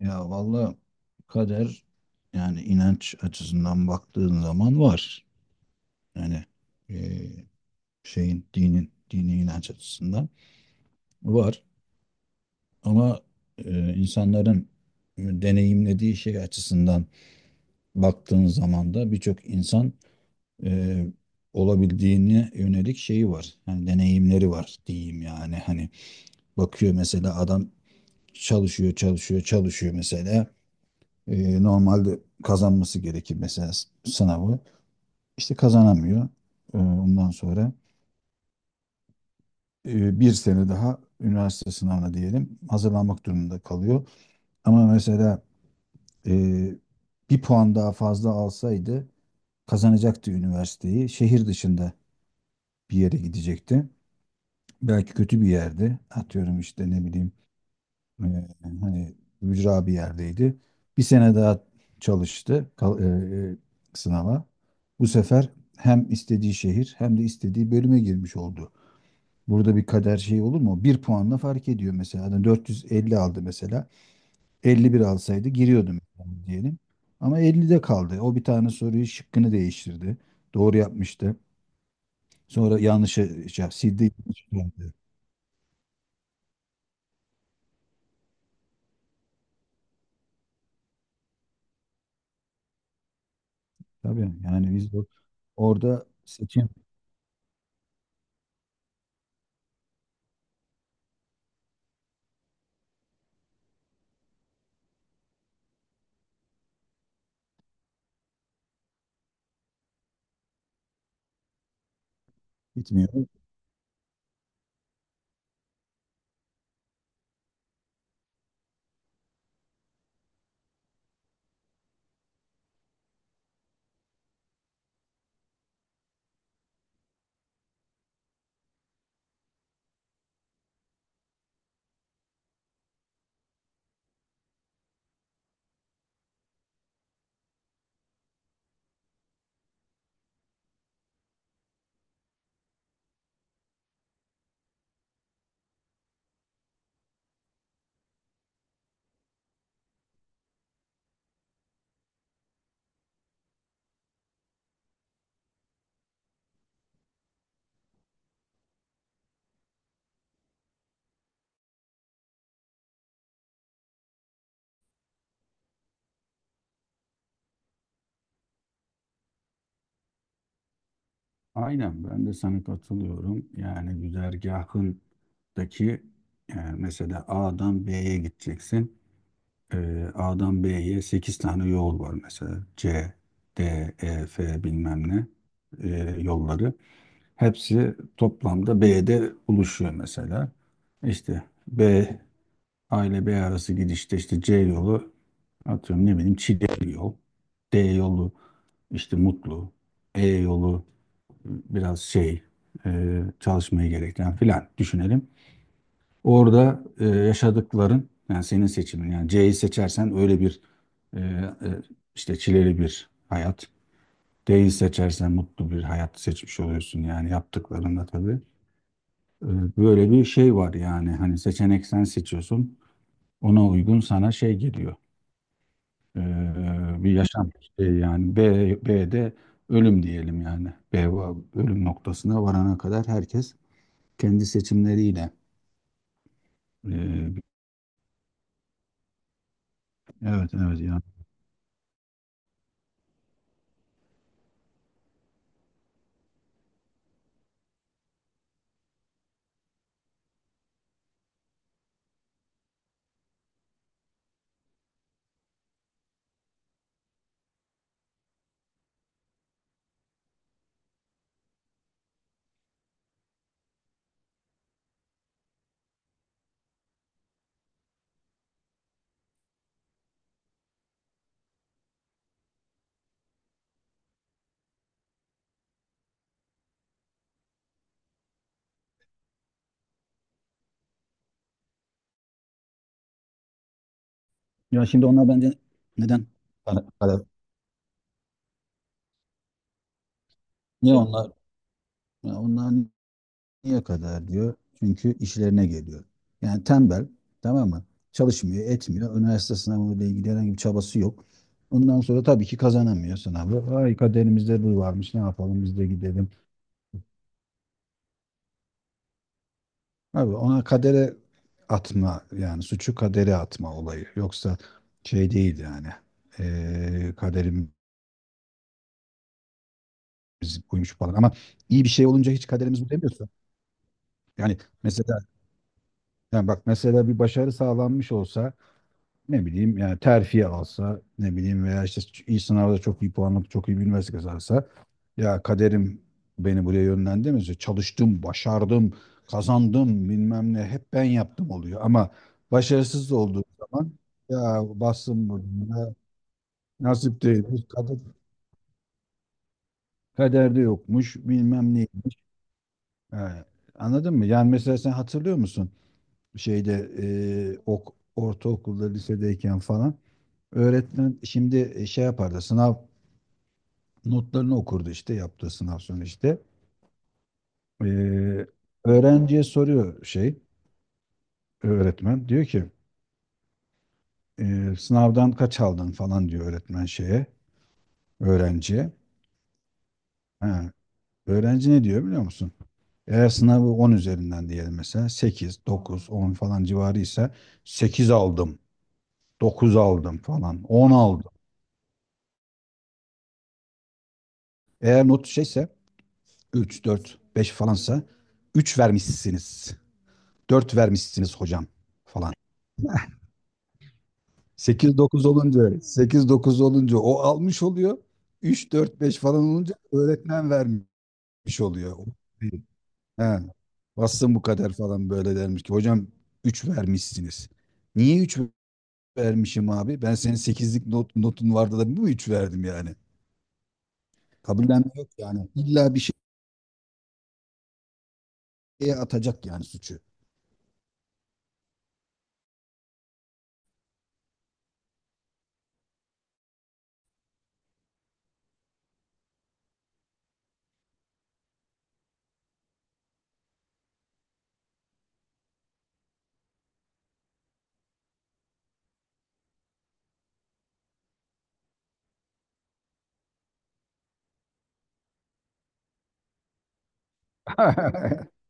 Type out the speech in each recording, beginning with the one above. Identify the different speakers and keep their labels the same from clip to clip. Speaker 1: Ya vallahi kader yani inanç açısından baktığın zaman var. Yani eee, şeyin dinin dini inanç açısından var. Ama insanların deneyimlediği şey açısından baktığın zaman da birçok insan eee, olabildiğine yönelik şeyi var. Yani deneyimleri var diyeyim yani. Hani bakıyor mesela adam çalışıyor çalışıyor çalışıyor mesela. Normalde kazanması gerekir mesela sınavı. İşte kazanamıyor. Ondan sonra bir sene daha üniversite sınavına diyelim hazırlanmak durumunda kalıyor. Ama mesela e, bir puan daha fazla alsaydı kazanacaktı üniversiteyi. Şehir dışında bir yere gidecekti. Belki kötü bir yerde. Atıyorum işte ne bileyim. Ee, hani ücra bir yerdeydi. Bir sene daha çalıştı sınava. Bu sefer hem istediği şehir hem de istediği bölüme girmiş oldu. Burada bir kader şeyi olur mu? Bir puanla fark ediyor mesela. Adam 450 aldı mesela. 51 alsaydı giriyordu mesela diyelim. Ama 50'de kaldı. O bir tane soruyu şıkkını değiştirdi. Doğru yapmıştı. Sonra yanlışı şey, sildi. Yanlış geldi. Tabii yani biz orada seçim bitmiyor. Aynen ben de sana katılıyorum. Yani güzergahındaki yani mesela A'dan B'ye gideceksin. A'dan B'ye 8 tane yol var mesela. C, D, E, F bilmem ne yolları. Hepsi toplamda B'de buluşuyor mesela. İşte B, A ile B arası gidişte işte C yolu, atıyorum ne bileyim, Çileli yol. D yolu işte Mutlu. E yolu biraz şey, çalışmayı gerektiren filan düşünelim. Orada yaşadıkların yani senin seçimin yani C'yi seçersen öyle bir e, e, işte çileli bir hayat. D'yi seçersen mutlu bir hayat seçmiş oluyorsun yani yaptıklarında tabii. E, böyle bir şey var yani hani seçenek sen seçiyorsun, ona uygun sana şey geliyor. E, bir yaşam şey yani B'de ölüm diyelim yani. B, ölüm noktasına varana kadar herkes kendi seçimleriyle. Ee, evet evet ya. Ya şimdi onlar bence neden kara- kara- niye onlar, ya onlar niye kadar diyor? Çünkü işlerine geliyor. Yani tembel, tamam mı? Çalışmıyor, etmiyor. Üniversite sınavıyla ilgili herhangi bir çabası yok. Ondan sonra tabii ki kazanamıyor sınavı. Ay, kaderimizde bu varmış. Ne yapalım, biz de gidelim. Abi ona kadere atma, yani suçu kadere atma olayı. Yoksa şey değil yani. Kaderim biz koymuş falan ama iyi bir şey olunca hiç kaderimiz bu demiyorsa. Yani mesela, yani bak mesela bir başarı sağlanmış olsa, ne bileyim yani terfi alsa, ne bileyim veya işte iyi sınavda çok iyi puan alıp çok iyi bir üniversite kazansa, ya kaderim beni buraya yönlendirmedi. Çalıştım, başardım, kazandım bilmem ne, hep ben yaptım oluyor ama başarısız olduğu zaman ya bastım burnuna, nasip değilmiş kader, kaderde yokmuş bilmem neymiş. Ha, anladın mı? Yani mesela sen hatırlıyor musun? Şeyde ortaokulda lisedeyken falan, öğretmen şimdi şey yapardı, sınav notlarını okurdu işte yaptığı sınav sonu işte. E, öğrenciye soruyor, şey öğretmen diyor ki sınavdan kaç aldın falan, diyor öğretmen şeye, öğrenciye. Ha, öğrenci ne diyor biliyor musun? Eğer sınavı 10 üzerinden diyelim, mesela 8 9 10 falan civarı ise 8 aldım, 9 aldım falan, 10 aldım. Eğer not şeyse, 3, 4, 5 falansa, 3 vermişsiniz, 4 vermişsiniz hocam falan. 8, 9 olunca 8, 9 olunca o almış oluyor. 3, 4, 5 falan olunca öğretmen vermiş oluyor. He. Bassın bu kadar falan, böyle dermiş ki hocam 3 vermişsiniz. Niye 3 vermişim abi? Ben senin sekizlik not, notun vardı da bu mu, 3 verdim yani? Kabullenme yok yani. İlla bir şeye atacak yani suçu.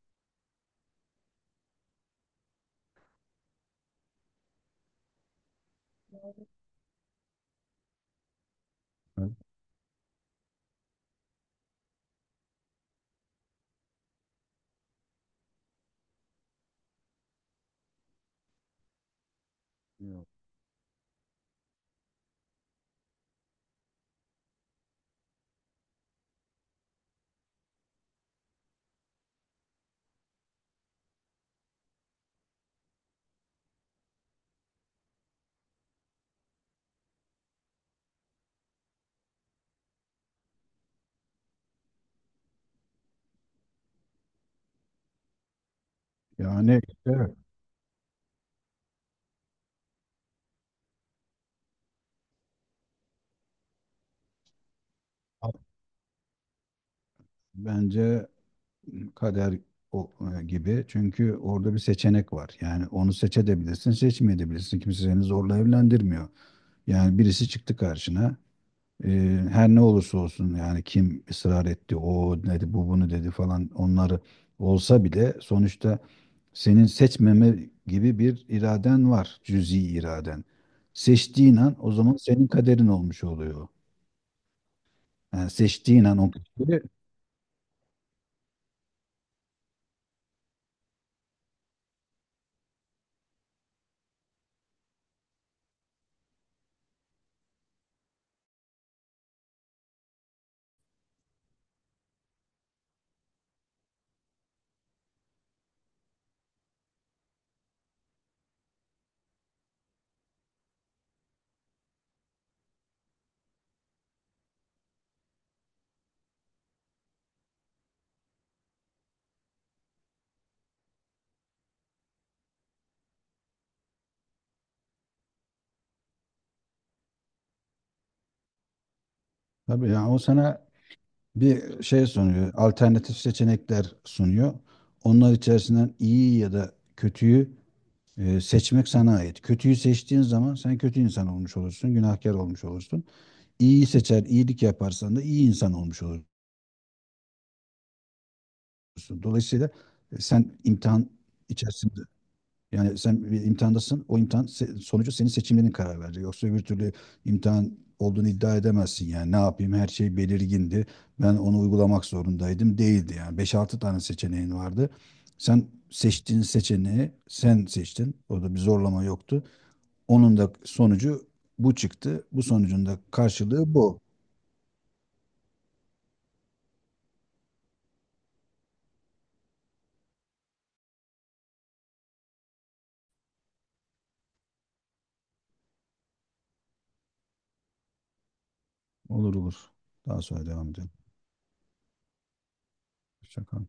Speaker 1: Yok. Yani işte bence kader o- gibi. Çünkü orada bir seçenek var. Yani onu seçebilirsin, seçmeyebilirsin. Kimse seni zorla evlendirmiyor. Yani birisi çıktı karşına. Ee, her ne olursa olsun, yani kim ısrar etti, o dedi, bu bunu dedi falan, onları olsa bile sonuçta senin seçmeme gibi bir iraden var, cüzi iraden. Seçtiğin an o zaman senin kaderin olmuş oluyor. Yani seçtiğin an o kaderi, tabii yani o sana bir şey sunuyor, alternatif seçenekler sunuyor. Onlar içerisinden iyi ya da kötüyü seçmek sana ait. Kötüyü seçtiğin zaman sen kötü insan olmuş olursun, günahkar olmuş olursun. İyiyi seçer, iyilik yaparsan da iyi insan olmuş olursun. Dolayısıyla sen imtihan içerisinde, yani sen bir imtihandasın. O imtihan sonucu senin seçimlerin karar verecek. Yoksa öbür türlü imtihan olduğunu iddia edemezsin yani. Ne yapayım? Her şey belirgindi. Ben onu uygulamak zorundaydım. Değildi yani. Beş altı tane seçeneğin vardı. Sen seçtiğin seçeneği sen seçtin. Orada bir zorlama yoktu. Onun da sonucu bu çıktı. Bu sonucun da karşılığı bu. Olur olur. Daha sonra devam edelim. Hoşça kal.